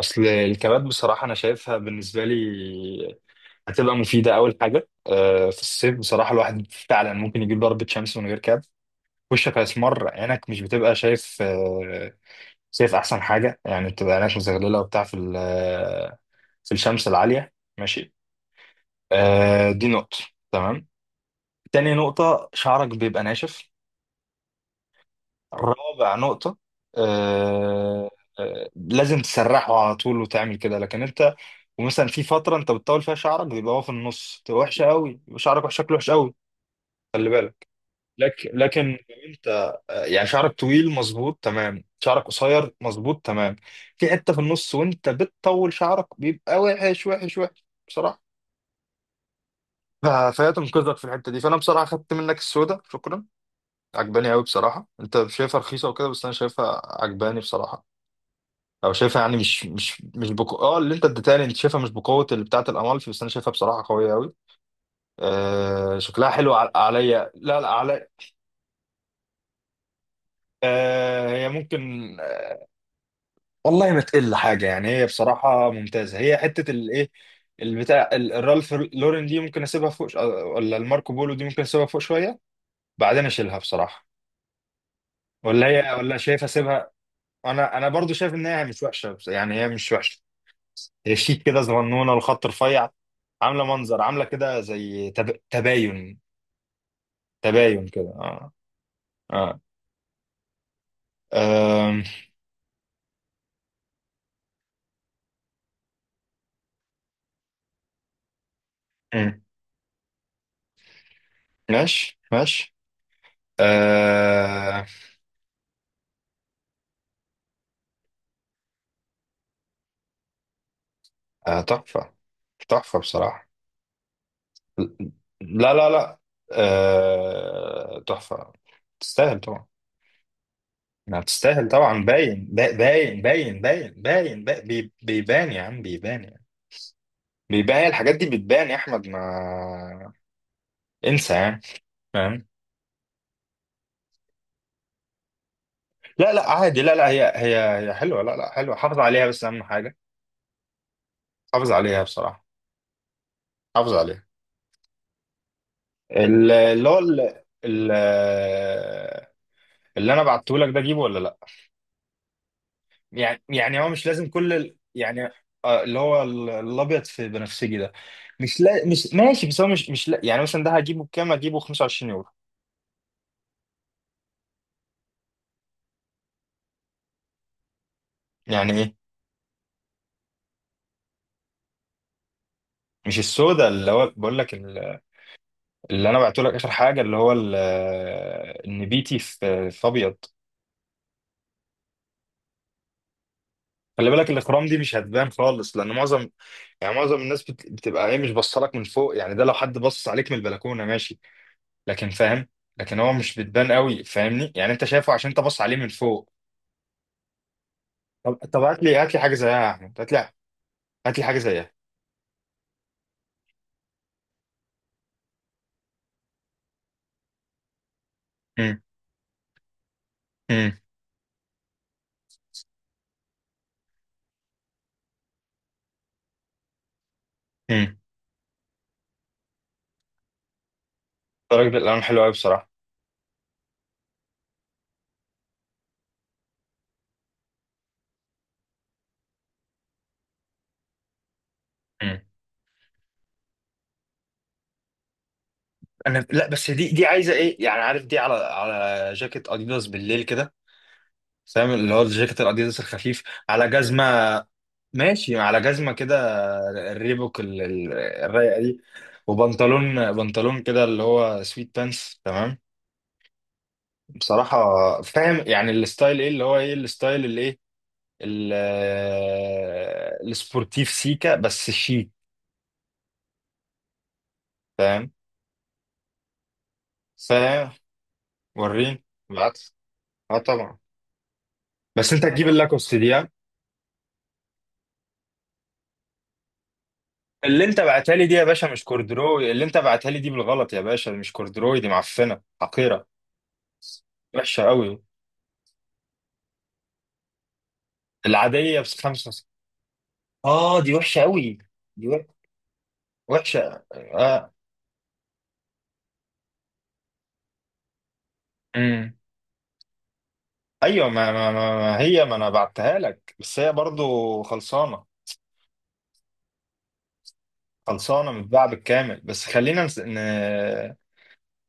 اصل الكبات بصراحه انا شايفها بالنسبه لي هتبقى مفيده. اول حاجه في الصيف بصراحه الواحد فعلا ممكن يجيب ضربه شمس من غير كاب. وشك هيسمر، عينك مش بتبقى شايف، شايف احسن حاجه، يعني بتبقى عينك مزغلله وبتاع في في الشمس العاليه، ماشي. دي نقطه. تمام. تاني نقطه، شعرك بيبقى ناشف. رابع نقطة. آه آه لازم تسرحه على طول وتعمل كده، لكن انت ومثلا في فترة انت بتطول فيها شعرك، بيبقى هو في النص تبقى وحشة قوي، يبقى شعرك شكله وحش قوي. خلي بالك. لكن لو انت يعني شعرك طويل مظبوط تمام، شعرك قصير مظبوط تمام. في حتة في النص وانت بتطول شعرك بيبقى وحش وحش وحش بصراحة. فهي تنقذك في الحتة دي، فانا بصراحة خدت منك السودة، شكرا. عجباني قوي بصراحة. انت شايفها رخيصة وكده، بس انا شايفها عجباني بصراحة. او شايفها يعني مش مش مش بقو... اه اللي انت اديتها لي انت شايفها مش بقوه اللي بتاعه الامالفي، بس انا شايفها بصراحه قويه قوي. آه شكلها حلو عليا. لا لا عليا. آه هي ممكن، والله ما تقل حاجه، يعني هي بصراحه ممتازه. هي حته الايه، البتاع الرالف لورين دي ممكن اسيبها فوق ولا الماركو بولو دي ممكن اسيبها فوق شويه، بعدين اشيلها بصراحه. ولا هي، ولا شايف اسيبها. انا برضو شايف ان هي مش وحشه، يعني هي مش وحشه. هي شيك كده، صغنونه، الخط رفيع. عامله منظر، عامله كده زي تباين. تباين كده، اه. اه. آم، مم. ماشي ماشي. آه، آه، تحفه. تحفه بصراحه. لا لا لا. تحفه. تستاهل طبعا. ما تستاهل طبعا، باين، باين باين باين باين باين بيبان يا عم، بيبان يعني. بيبان، هي الحاجات دي بتبان يا احمد، ما انسى يعني. فاهم. لا لا عادي، لا لا هي هي، هي حلوه. لا لا حلوه، حافظ عليها بس، اهم حاجه حافظ عليها بصراحة. حافظ عليها. ال- اللي هو ال- ال- اللي انا بعته لك ده، اجيبه ولا لا؟ يعني يعني هو مش لازم يعني. اللي هو الابيض في بنفسجي ده. مش، لا مش ماشي، بس هو مش مش لا، يعني مثلا ده هجيبه بكام؟ هجيبه 25 يورو؟ يعني ايه. مش السودا، اللي هو بقول لك اللي انا بعته لك اخر حاجة، اللي هو النبيتي في ابيض. خلي بالك، الاخرام دي مش هتبان خالص، لان معظم، يعني معظم الناس بتبقى ايه، مش بصلك من فوق، يعني ده لو حد بص عليك من البلكونه ماشي، لكن فاهم. لكن هو مش بتبان قوي، فاهمني يعني؟ انت شايفه عشان انت بص عليه من فوق. طب هات لي حاجه زيها يا احمد. هات لي هات لي حاجه زيها. امم امم امم. الراجل، الالوان حلو قوي بصراحه. امم انا لا، بس دي دي عايزه ايه يعني، عارف دي على على جاكيت اديداس بالليل كده، فاهم؟ اللي هو الجاكيت الاديداس الخفيف، على جزمه، ماشي على جزمه كده، الريبوك الرايقه دي، وبنطلون بنطلون كده اللي هو سويت بانس، تمام؟ بصراحه. فاهم يعني الستايل ايه، اللي هو ايه الستايل اللي ايه ال- السبورتيف سيكا بس شيك، فاهم. فاهم. وريني. بعت. اه طبعا. بس انت تجيب اللاكوست دي ها؟ اللي انت بعتها لي دي يا باشا مش كوردروي، اللي انت بعتها لي دي بالغلط يا باشا مش كوردروي، دي معفنه حقيره، وحشة قوي. العادية بس خمسة. اه دي وحشة قوي. دي وح- وحشة اه. امم ايوه، ما هي ما انا بعتها لك، بس هي برضو خلصانة. خلصانة، متباعة بالكامل، بس خلينا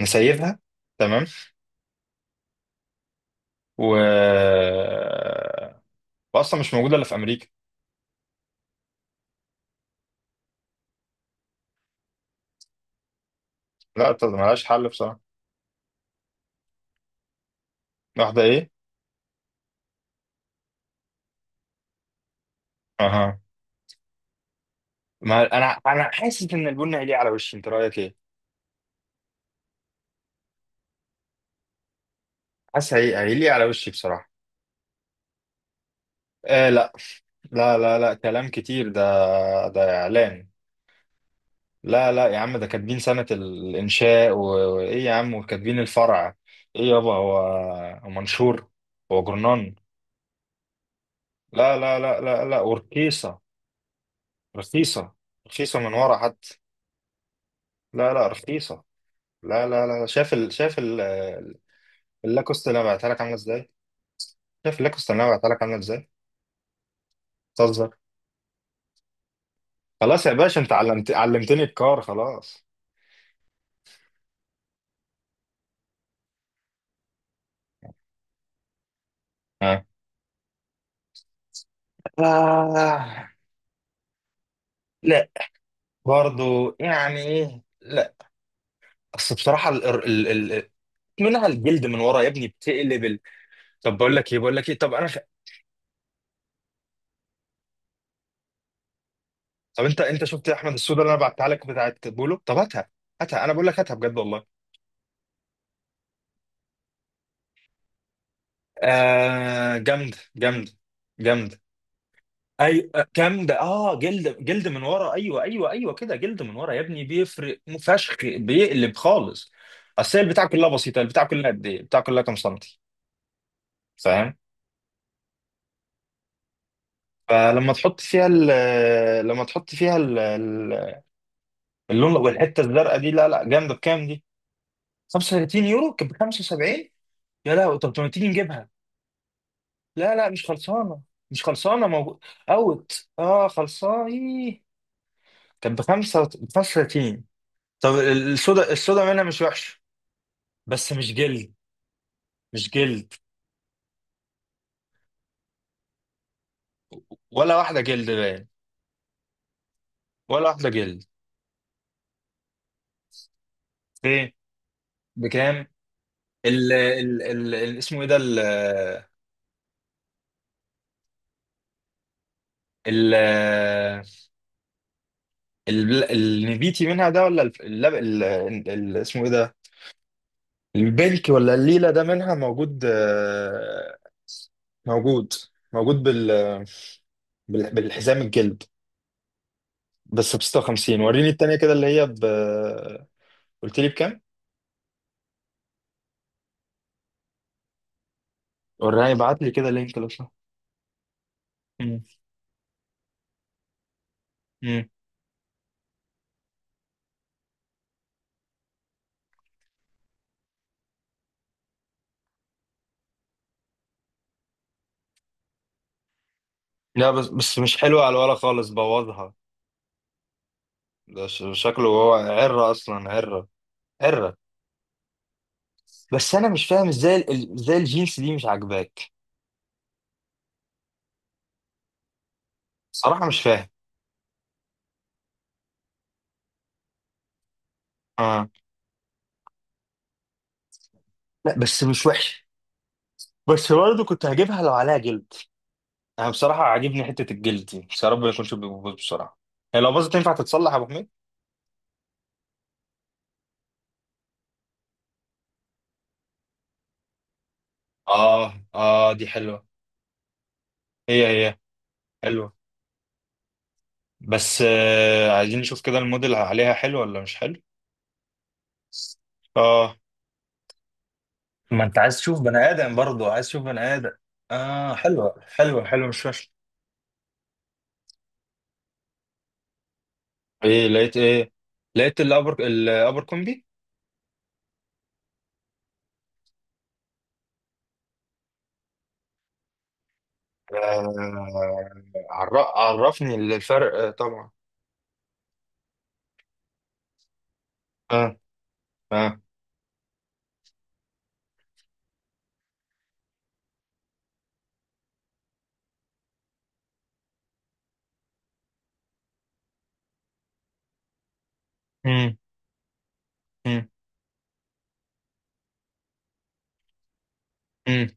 نسيبها. تمام. و، واصلا مش موجودة الا في امريكا. لا طب ملهاش حل بصراحة. واحدة ايه؟ اها. ما انا حاسس ان البن هيليق على وشي، انت رأيك ايه؟ حاسس هي هيليق على وشي بصراحة. آه لا. لا كلام كتير ده، ده إعلان. لا لا يا عم، ده كاتبين سنة الإنشاء وإيه يا عم، وكاتبين الفرع. إيه يابا، هو هو منشور، هو جرنان. لا ورخيصة، رخيصة، رخيصة من ورا حتى، لا لا رخيصة. لا شايف شايف اللاكوست اللي أنا بعتها لك عاملة إزاي؟ شايف اللاكوست اللي أنا بعتها لك عاملة إزاي؟ بتهزر؟ خلاص يا باشا، أنت علمت علمتني الكار خلاص. ها. آه. برضو يعني ايه، لا اصل بصراحه منها الجلد من ورا يا ابني، بتقلب طب بقول لك ايه، بقول لك ايه، طب انا طب انت شفت يا احمد السودا اللي انا بعتها لك بتاعت بولو؟ طب هاتها، هاتها، انا بقول لك هاتها بجد والله. آه جامده، جامده. جامده. ايوه، جامده، اه جلد، جلد من ورا، ايوه ايوه ايوه كده، جلد من ورا يا ابني، بيفرق فشخ، بيقلب خالص. اصل هي البتاع كلها بسيطه، البتاع كلها قد ايه، البتاع كلها كام سنتي، فاهم؟ فلما تحط فيها ال، لما تحط فيها اللون والحته الزرقاء دي، لا لا جامده. بكام دي؟ 35 يورو، كانت ب 75. يا لا طب ما تيجي نجيبها. لا لا مش خلصانه، مش خلصانه، موجود. اوت اه خلصانه إيه؟ كانت ب 35. طب السودا، السودا منها مش وحشه بس مش جلد، مش جلد. ولا واحده جلد باين، ولا واحده جلد. ايه. بكام؟ اسمه ايه ده ال النبيتي منها ده ولا اسمه ايه ده، البلك ولا الليلة ده منها موجود؟ موجود، موجود بالحزام الجلد، بس ب 56. وريني التانية كده، اللي هي ب، قلت لي بكام؟ وراني، بعت لي كده لينك لو سمحت. مم. مم. لا بس بس مش حلوة على الولا خالص، بوظها، ده شكله هو عرة أصلا، عرة، عرة. بس أنا مش فاهم إزاي الجينز دي مش عاجباك؟ صراحة مش فاهم. آه. لا بس مش وحشة، بس برضه كنت هجيبها لو عليها جلد. انا بصراحه عاجبني حته الجلد دي، بس يا رب ما يكونش بيبوظ بسرعه. هي لو باظت تنفع تتصلح يا ابو حميد؟ اه اه دي حلوة. هي هي. حلوة. بس آه عايزين نشوف كده الموديل عليها حلو ولا مش حلو. اه، ما انت عايز تشوف بني ادم برضه، عايز تشوف بني ادم. اه حلوة حلوة حلوة، مش فاشلة. ايه لقيت ايه؟ لقيت الابر، الابر كومبي. آه، عر- عرفني الفرق، طبعا. اه اه. امم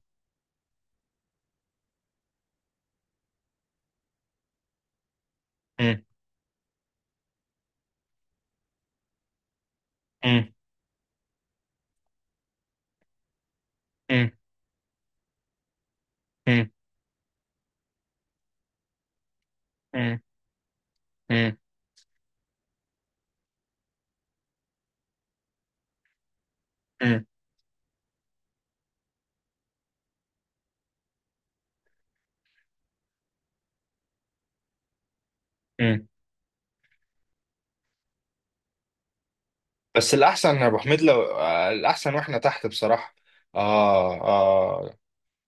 بس الأحسن يا أبو حميد لو، الأحسن وإحنا تحت بصراحة. آه آه.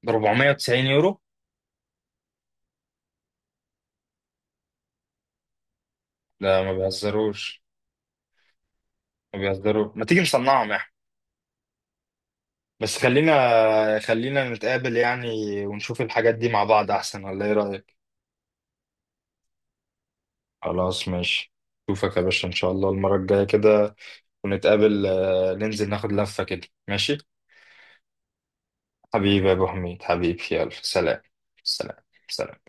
490 يورو؟ لا ما بيهزروش، ما بيهزروش، ما تيجي نصنعهم إحنا؟ بس خلينا، خلينا نتقابل يعني، ونشوف الحاجات دي مع بعض أحسن، ولا إيه رأيك؟ خلاص ماشي. أشوفك يا باشا إن شاء الله المرة الجاية كده، ونتقابل، ننزل ناخد لفة كده ماشي؟ حبيبي يا أبو حميد، حبيبي يلا سلام. سلام. سلام.